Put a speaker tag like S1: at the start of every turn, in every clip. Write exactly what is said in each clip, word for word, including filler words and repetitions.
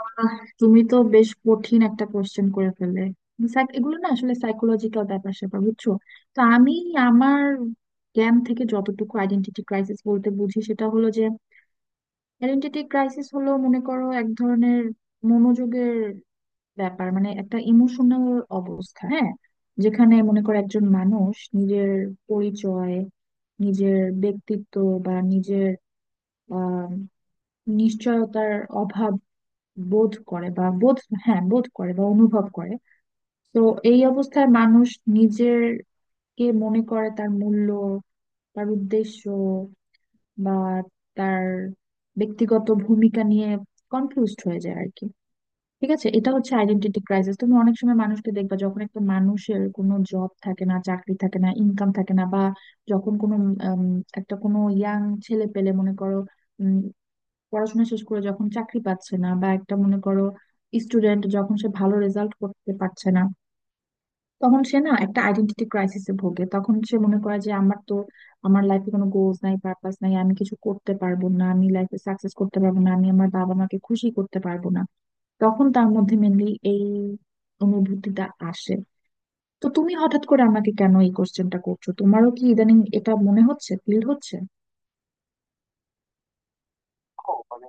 S1: আহ, তুমি তো বেশ কঠিন একটা কোশ্চেন করে ফেললে। Psych- এগুলো না আসলে সাইকোলজিক্যাল ব্যাপার স্যাপার, বুঝছো? তো আমি আমার জ্ঞান থেকে যতটুকু আইডেন্টিটি ক্রাইসিস বলতে বুঝি সেটা হলো যে, আইডেন্টিটি ক্রাইসিস হলো মনে করো এক ধরনের মনোযোগের ব্যাপার, মানে একটা ইমোশনাল অবস্থা। হ্যাঁ, যেখানে মনে করো একজন মানুষ নিজের পরিচয়, নিজের ব্যক্তিত্ব বা নিজের আহ নিশ্চয়তার অভাব বোধ করে বা বোধ, হ্যাঁ বোধ করে বা অনুভব করে। তো এই অবস্থায় মানুষ নিজের কে মনে করে তার মূল্য, তার উদ্দেশ্য বা তার ব্যক্তিগত ভূমিকা নিয়ে কনফিউজড হয়ে যায় আর কি। ঠিক আছে, এটা হচ্ছে আইডেন্টিটি ক্রাইসিস। তুমি অনেক সময় মানুষকে দেখবা, যখন একটা মানুষের কোনো জব থাকে না, চাকরি থাকে না, ইনকাম থাকে না, বা যখন কোনো উম, একটা কোনো ইয়াং ছেলে পেলে মনে করো পড়াশোনা শেষ করে যখন চাকরি পাচ্ছে না, বা একটা মনে করো স্টুডেন্ট যখন সে ভালো রেজাল্ট করতে পারছে না, তখন সে না একটা আইডেন্টিটি ক্রাইসিসে ভোগে। তখন সে মনে করে যে আমার তো, আমার লাইফে কোনো গোলস নাই, পারপাস নাই, আমি কিছু করতে পারবো না, আমি লাইফে সাকসেস করতে পারবো না, আমি আমার বাবা মাকে খুশি করতে পারবো না। তখন তার মধ্যে মেনলি এই অনুভূতিটা আসে। তো তুমি হঠাৎ করে আমাকে কেন এই কোশ্চেনটা করছো? তোমারও কি ইদানিং এটা মনে হচ্ছে, ফিল হচ্ছে?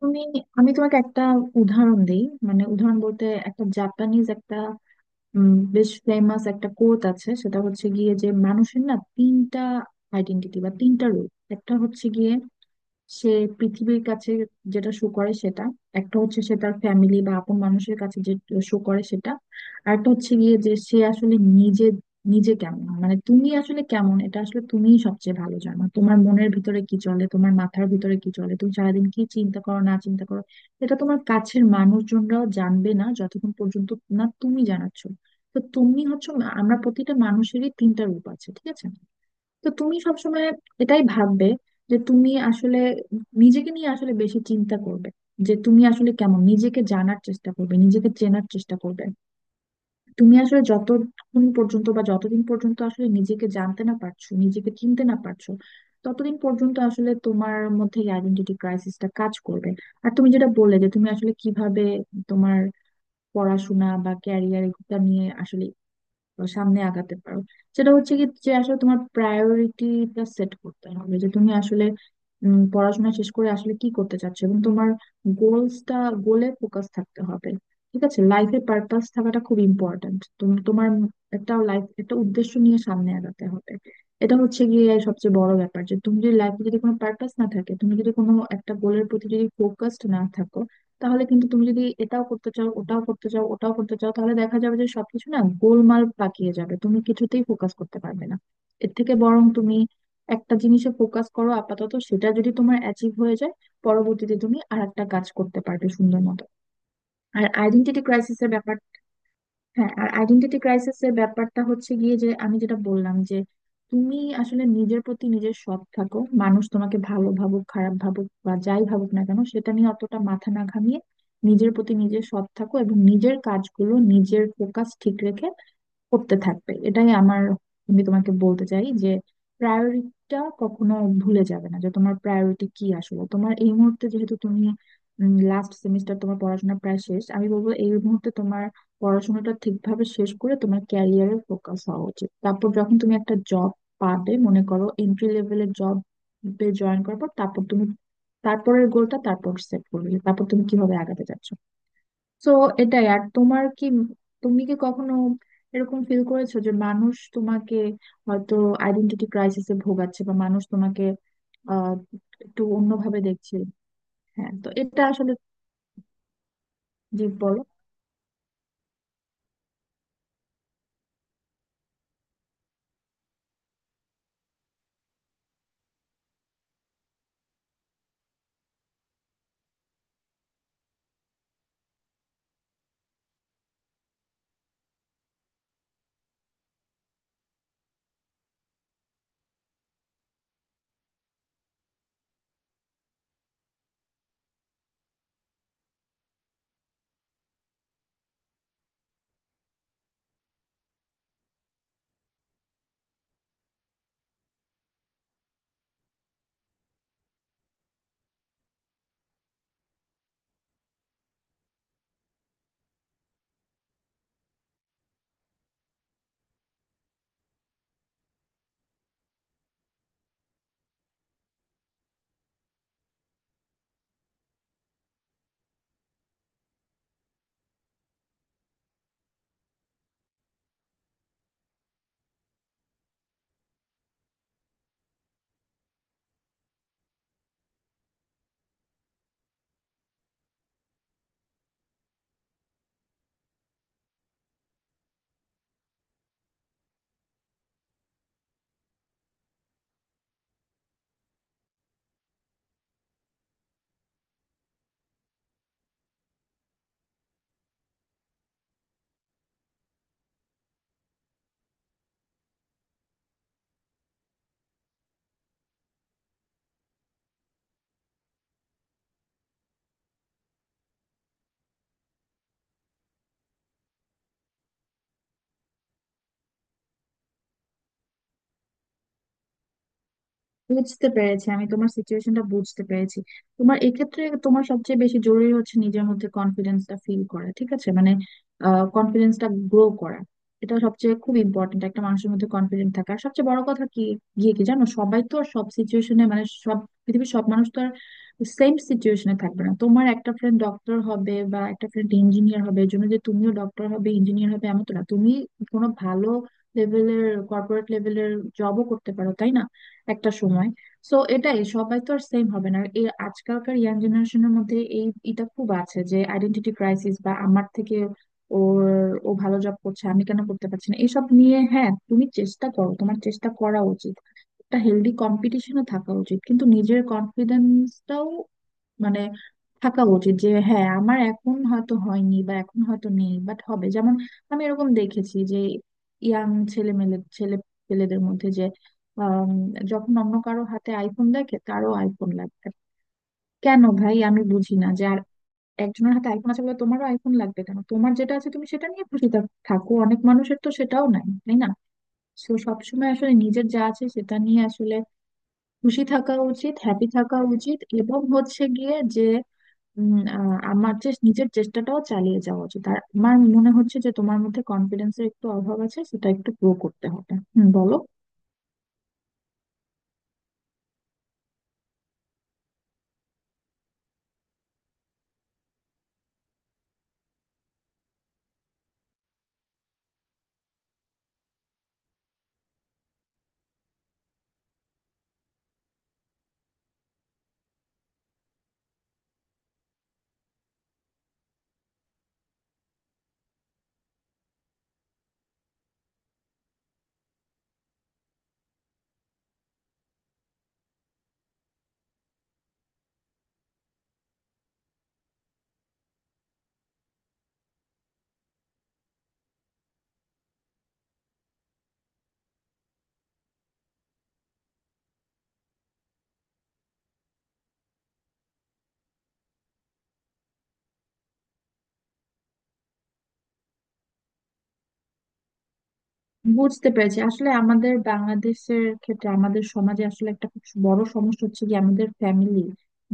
S1: তুমি, আমি তোমাকে একটা উদাহরণ দিই। মানে উদাহরণ বলতে একটা জাপানিজ একটা উম, বেশ ফেমাস একটা কোট আছে, সেটা হচ্ছে গিয়ে যে মানুষের না তিনটা আইডেন্টিটি বা তিনটা রূপ। একটা হচ্ছে গিয়ে সে পৃথিবীর কাছে যেটা শো করে সেটা, একটা হচ্ছে সে তার ফ্যামিলি বা আপন মানুষের কাছে যে শো করে সেটা, আর একটা হচ্ছে গিয়ে যে সে আসলে নিজে নিজে কেমন। মানে তুমি আসলে কেমন, এটা আসলে তুমিই সবচেয়ে ভালো জানো। তোমার মনের ভিতরে কি চলে, তোমার মাথার ভিতরে কি চলে, তুমি সারাদিন কি চিন্তা করো না চিন্তা করো, এটা তোমার কাছের মানুষজনরাও জানবে না যতক্ষণ পর্যন্ত না তুমি জানাচ্ছ। তো তুমি হচ্ছে, আমরা প্রতিটা মানুষেরই তিনটা রূপ আছে, ঠিক আছে? তো তুমি সবসময় এটাই ভাববে যে তুমি আসলে নিজেকে নিয়ে আসলে বেশি চিন্তা করবে, যে তুমি আসলে কেমন, নিজেকে জানার চেষ্টা করবে, নিজেকে চেনার চেষ্টা করবে। তুমি আসলে যতক্ষণ পর্যন্ত বা যতদিন পর্যন্ত আসলে নিজেকে জানতে না পারছো, নিজেকে চিনতে না পারছো, ততদিন পর্যন্ত আসলে তোমার মধ্যে আইডেন্টিটি ক্রাইসিসটা কাজ করবে। আর তুমি যেটা বললে যে তুমি আসলে কিভাবে তোমার পড়াশোনা বা ক্যারিয়ার এটা নিয়ে আসলে সামনে আগাতে পারো, সেটা হচ্ছে কি, যে আসলে তোমার প্রায়োরিটিটা সেট করতে হবে। যে তুমি আসলে উম, পড়াশোনা শেষ করে আসলে কি করতে চাচ্ছো, এবং তোমার গোলসটা, গোলে ফোকাস থাকতে হবে। ঠিক আছে, লাইফে পারপাস থাকাটা খুব ইম্পর্ট্যান্ট। তুমি তোমার একটা লাইফ, একটা উদ্দেশ্য নিয়ে সামনে আগাতে হবে। এটা হচ্ছে গিয়ে সবচেয়ে বড় ব্যাপার, যে তুমি যদি লাইফে যদি কোনো পারপাস না থাকে, তুমি যদি কোনো একটা গোলের প্রতি যদি ফোকাসড না থাকো, তাহলে কিন্তু তুমি যদি এটাও করতে চাও, ওটাও করতে চাও, ওটাও করতে চাও, তাহলে দেখা যাবে যে সবকিছু না গোলমাল পাকিয়ে যাবে, তুমি কিছুতেই ফোকাস করতে পারবে না। এর থেকে বরং তুমি একটা জিনিসে ফোকাস করো আপাতত, সেটা যদি তোমার অ্যাচিভ হয়ে যায়, পরবর্তীতে তুমি আর একটা কাজ করতে পারবে সুন্দর মতো। আর আইডেন্টিটি ক্রাইসিসের ব্যাপারটা, হ্যাঁ, আর আইডেন্টিটি ক্রাইসিস এর ব্যাপারটা হচ্ছে গিয়ে যে, আমি যেটা বললাম যে তুমি আসলে নিজের প্রতি নিজের সৎ থাকো। মানুষ তোমাকে ভালো ভাবুক, খারাপ ভাবুক বা যাই ভাবুক না কেন সেটা নিয়ে অতটা মাথা না ঘামিয়ে নিজের প্রতি নিজে সৎ থাকো, এবং নিজের কাজগুলো নিজের ফোকাস ঠিক রেখে করতে থাকবে। এটাই আমার, আমি তোমাকে বলতে চাই যে প্রায়োরিটিটা কখনো ভুলে যাবে না, যে তোমার প্রায়োরিটি কি আসলে। তোমার এই মুহূর্তে, যেহেতু তুমি লাস্ট সেমিস্টার, তোমার পড়াশোনা প্রায় শেষ, আমি বলবো এই মুহূর্তে তোমার পড়াশোনাটা ঠিকভাবে শেষ করে তোমার ক্যারিয়ারে ফোকাস হওয়া উচিত। তারপর যখন তুমি একটা জব পাবে, মনে করো এন্ট্রি লেভেলের জব জয়েন করার পর, তারপর তুমি তারপরের গোলটা তারপর সেট করবে, যে তারপর তুমি কিভাবে আগাতে চাচ্ছ। তো এটাই। আর তোমার কি, তুমি কি কখনো এরকম ফিল করেছো যে মানুষ তোমাকে হয়তো আইডেন্টিটি ক্রাইসিসে ভোগাচ্ছে, বা মানুষ তোমাকে আহ একটু অন্যভাবে দেখছে? হ্যাঁ, তো এটা আসলে, জি বলো। বুঝতে পেরেছি, আমি তোমার সিচুয়েশনটা বুঝতে পেরেছি। তোমার এক্ষেত্রে তোমার সবচেয়ে বেশি জরুরি হচ্ছে নিজের মধ্যে কনফিডেন্সটা ফিল করা, ঠিক আছে? মানে কনফিডেন্সটা গ্রো করা। এটা সবচেয়ে খুব ইম্পর্টেন্ট, একটা মানুষের মধ্যে কনফিডেন্ট থাকা। আর সবচেয়ে বড় কথা কি গিয়ে কি জানো, সবাই তো আর সব সিচুয়েশনে, মানে সব পৃথিবীর সব মানুষ তো আর সেম সিচুয়েশনে থাকবে না। তোমার একটা ফ্রেন্ড ডক্টর হবে বা একটা ফ্রেন্ড ইঞ্জিনিয়ার হবে, এর জন্য যে তুমিও ডক্টর হবে, ইঞ্জিনিয়ার হবে এমন তো না। তুমি কোনো ভালো লেভেলের কর্পোরেট লেভেলের জবও করতে পারো, তাই না, একটা সময়? সো এটাই, সবাই তো আর সেম হবে না। এই আজকালকার ইয়াং জেনারেশনের মধ্যে এই এটা খুব আছে যে আইডেন্টিটি ক্রাইসিস, বা আমার থেকে ওর, ও ভালো জব করছে, আমি কেন করতে পারছি না, এসব নিয়ে। হ্যাঁ, তুমি চেষ্টা করো, তোমার চেষ্টা করা উচিত, একটা হেলদি কম্পিটিশনে থাকা উচিত, কিন্তু নিজের কনফিডেন্সটাও মানে থাকা উচিত যে হ্যাঁ, আমার এখন হয়তো হয়নি বা এখন হয়তো নেই, বাট হবে। যেমন আমি এরকম দেখেছি যে ইয়াং ছেলে মেলে, ছেলে পেলেদের মধ্যে যে আম, যখন অন্য কারো হাতে আইফোন দেখে, তারও আইফোন লাগবে। কেন ভাই, আমি বুঝি না যে আর একজনের হাতে আইফোন আছে বলে তোমারও আইফোন লাগবে কেন? তোমার যেটা আছে তুমি সেটা নিয়ে খুশি থাক- থাকো, অনেক মানুষের তো সেটাও নাই, তাই না? তো সবসময় আসলে নিজের যা আছে সেটা নিয়ে আসলে খুশি থাকা উচিত, হ্যাপি থাকা উচিত, এবং হচ্ছে গিয়ে উম, আহ, আমার চেস নিজের চেষ্টাটাও চালিয়ে যাওয়া উচিত। আর আমার মনে হচ্ছে যে তোমার মধ্যে কনফিডেন্সের একটু অভাব আছে, সেটা একটু গ্রো করতে হবে। হুম, বলো। বুঝতে পেরেছি, আসলে আমাদের বাংলাদেশের ক্ষেত্রে আমাদের সমাজে আসলে একটা খুব বড় সমস্যা হচ্ছে কি, আমাদের ফ্যামিলি,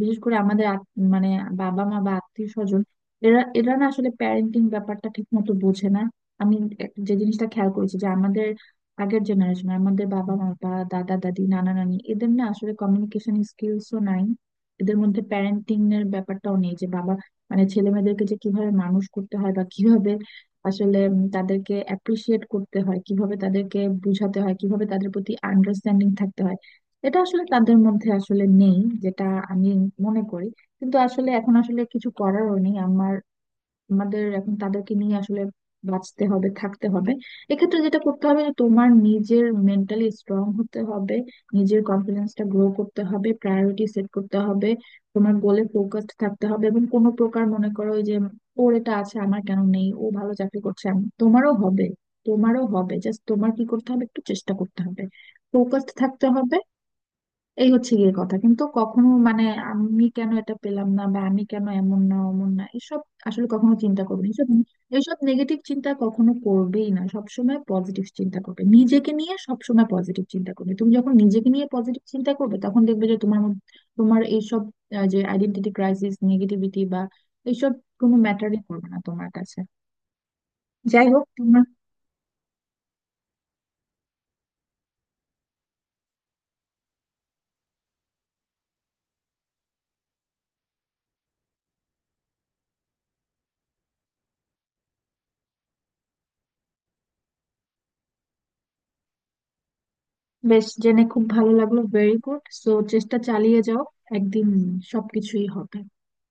S1: বিশেষ করে আমাদের আত- মানে বাবা মা বা আত্মীয় স্বজন, এরা এরা না আসলে প্যারেন্টিং ব্যাপারটা ঠিক মতো বোঝে না। আমি এক- যে জিনিসটা খেয়াল করেছি যে আমাদের আগের জেনারেশন, আমাদের বাবা মা বা দাদা দাদি নানা নানি, এদের না আসলে কমিউনিকেশন স্কিলসও নাই। এদের মধ্যে প্যারেন্টিং এর ব্যাপারটাও নেই যে বাবা, মানে ছেলে মেয়েদেরকে যে কিভাবে মানুষ করতে হয়, বা কিভাবে আসলে উম তাদেরকে অ্যাপ্রিসিয়েট করতে হয়, কিভাবে তাদেরকে বুঝাতে হয়, কিভাবে তাদের প্রতি আন্ডারস্ট্যান্ডিং থাকতে হয়, এটা আসলে তাদের মধ্যে আসলে নেই, যেটা আমি মনে করি। কিন্তু আসলে এখন আসলে কিছু করারও নেই আমার, আমাদের এখন তাদেরকে নিয়ে আসলে বাঁচতে হবে, থাকতে হবে। এক্ষেত্রে যেটা করতে হবে যে তোমার নিজের মেন্টালি স্ট্রং হতে হবে, নিজের কনফিডেন্সটা গ্রো করতে হবে, প্রায়োরিটি সেট করতে হবে, তোমার গোলে ফোকাসড থাকতে হবে, এবং কোনো প্রকার মনে করো ওই যে ওর এটা আছে আমার কেন নেই, ও ভালো চাকরি করছে, আমি, তোমারও হবে, তোমারও হবে, জাস্ট তোমার কি করতে হবে একটু চেষ্টা করতে হবে, ফোকাসড থাকতে হবে। এই হচ্ছে গিয়ে কথা, কিন্তু কখনো মানে আমি কেন এটা পেলাম না, বা আমি কেন এমন না অমন না, এসব আসলে কখনো চিন্তা করবে, এইসব, এইসব নেগেটিভ চিন্তা কখনো করবেই না। সবসময় পজিটিভ চিন্তা করবে, নিজেকে নিয়ে সবসময় পজিটিভ চিন্তা করবে। তুমি যখন নিজেকে নিয়ে পজিটিভ চিন্তা করবে তখন দেখবে যে তোমার মধ্যে-, তোমার এইসব আহ, যে আইডেন্টিটি ক্রাইসিস, নেগেটিভিটি বা এইসব কোনো ম্যাটারই করবে না তোমার কাছে। যাই হোক, তোমার বেশ, জেনে খুব ভালো লাগলো। Very good. সো চেষ্টা চালিয়ে যাও, একদিন সবকিছুই হবে।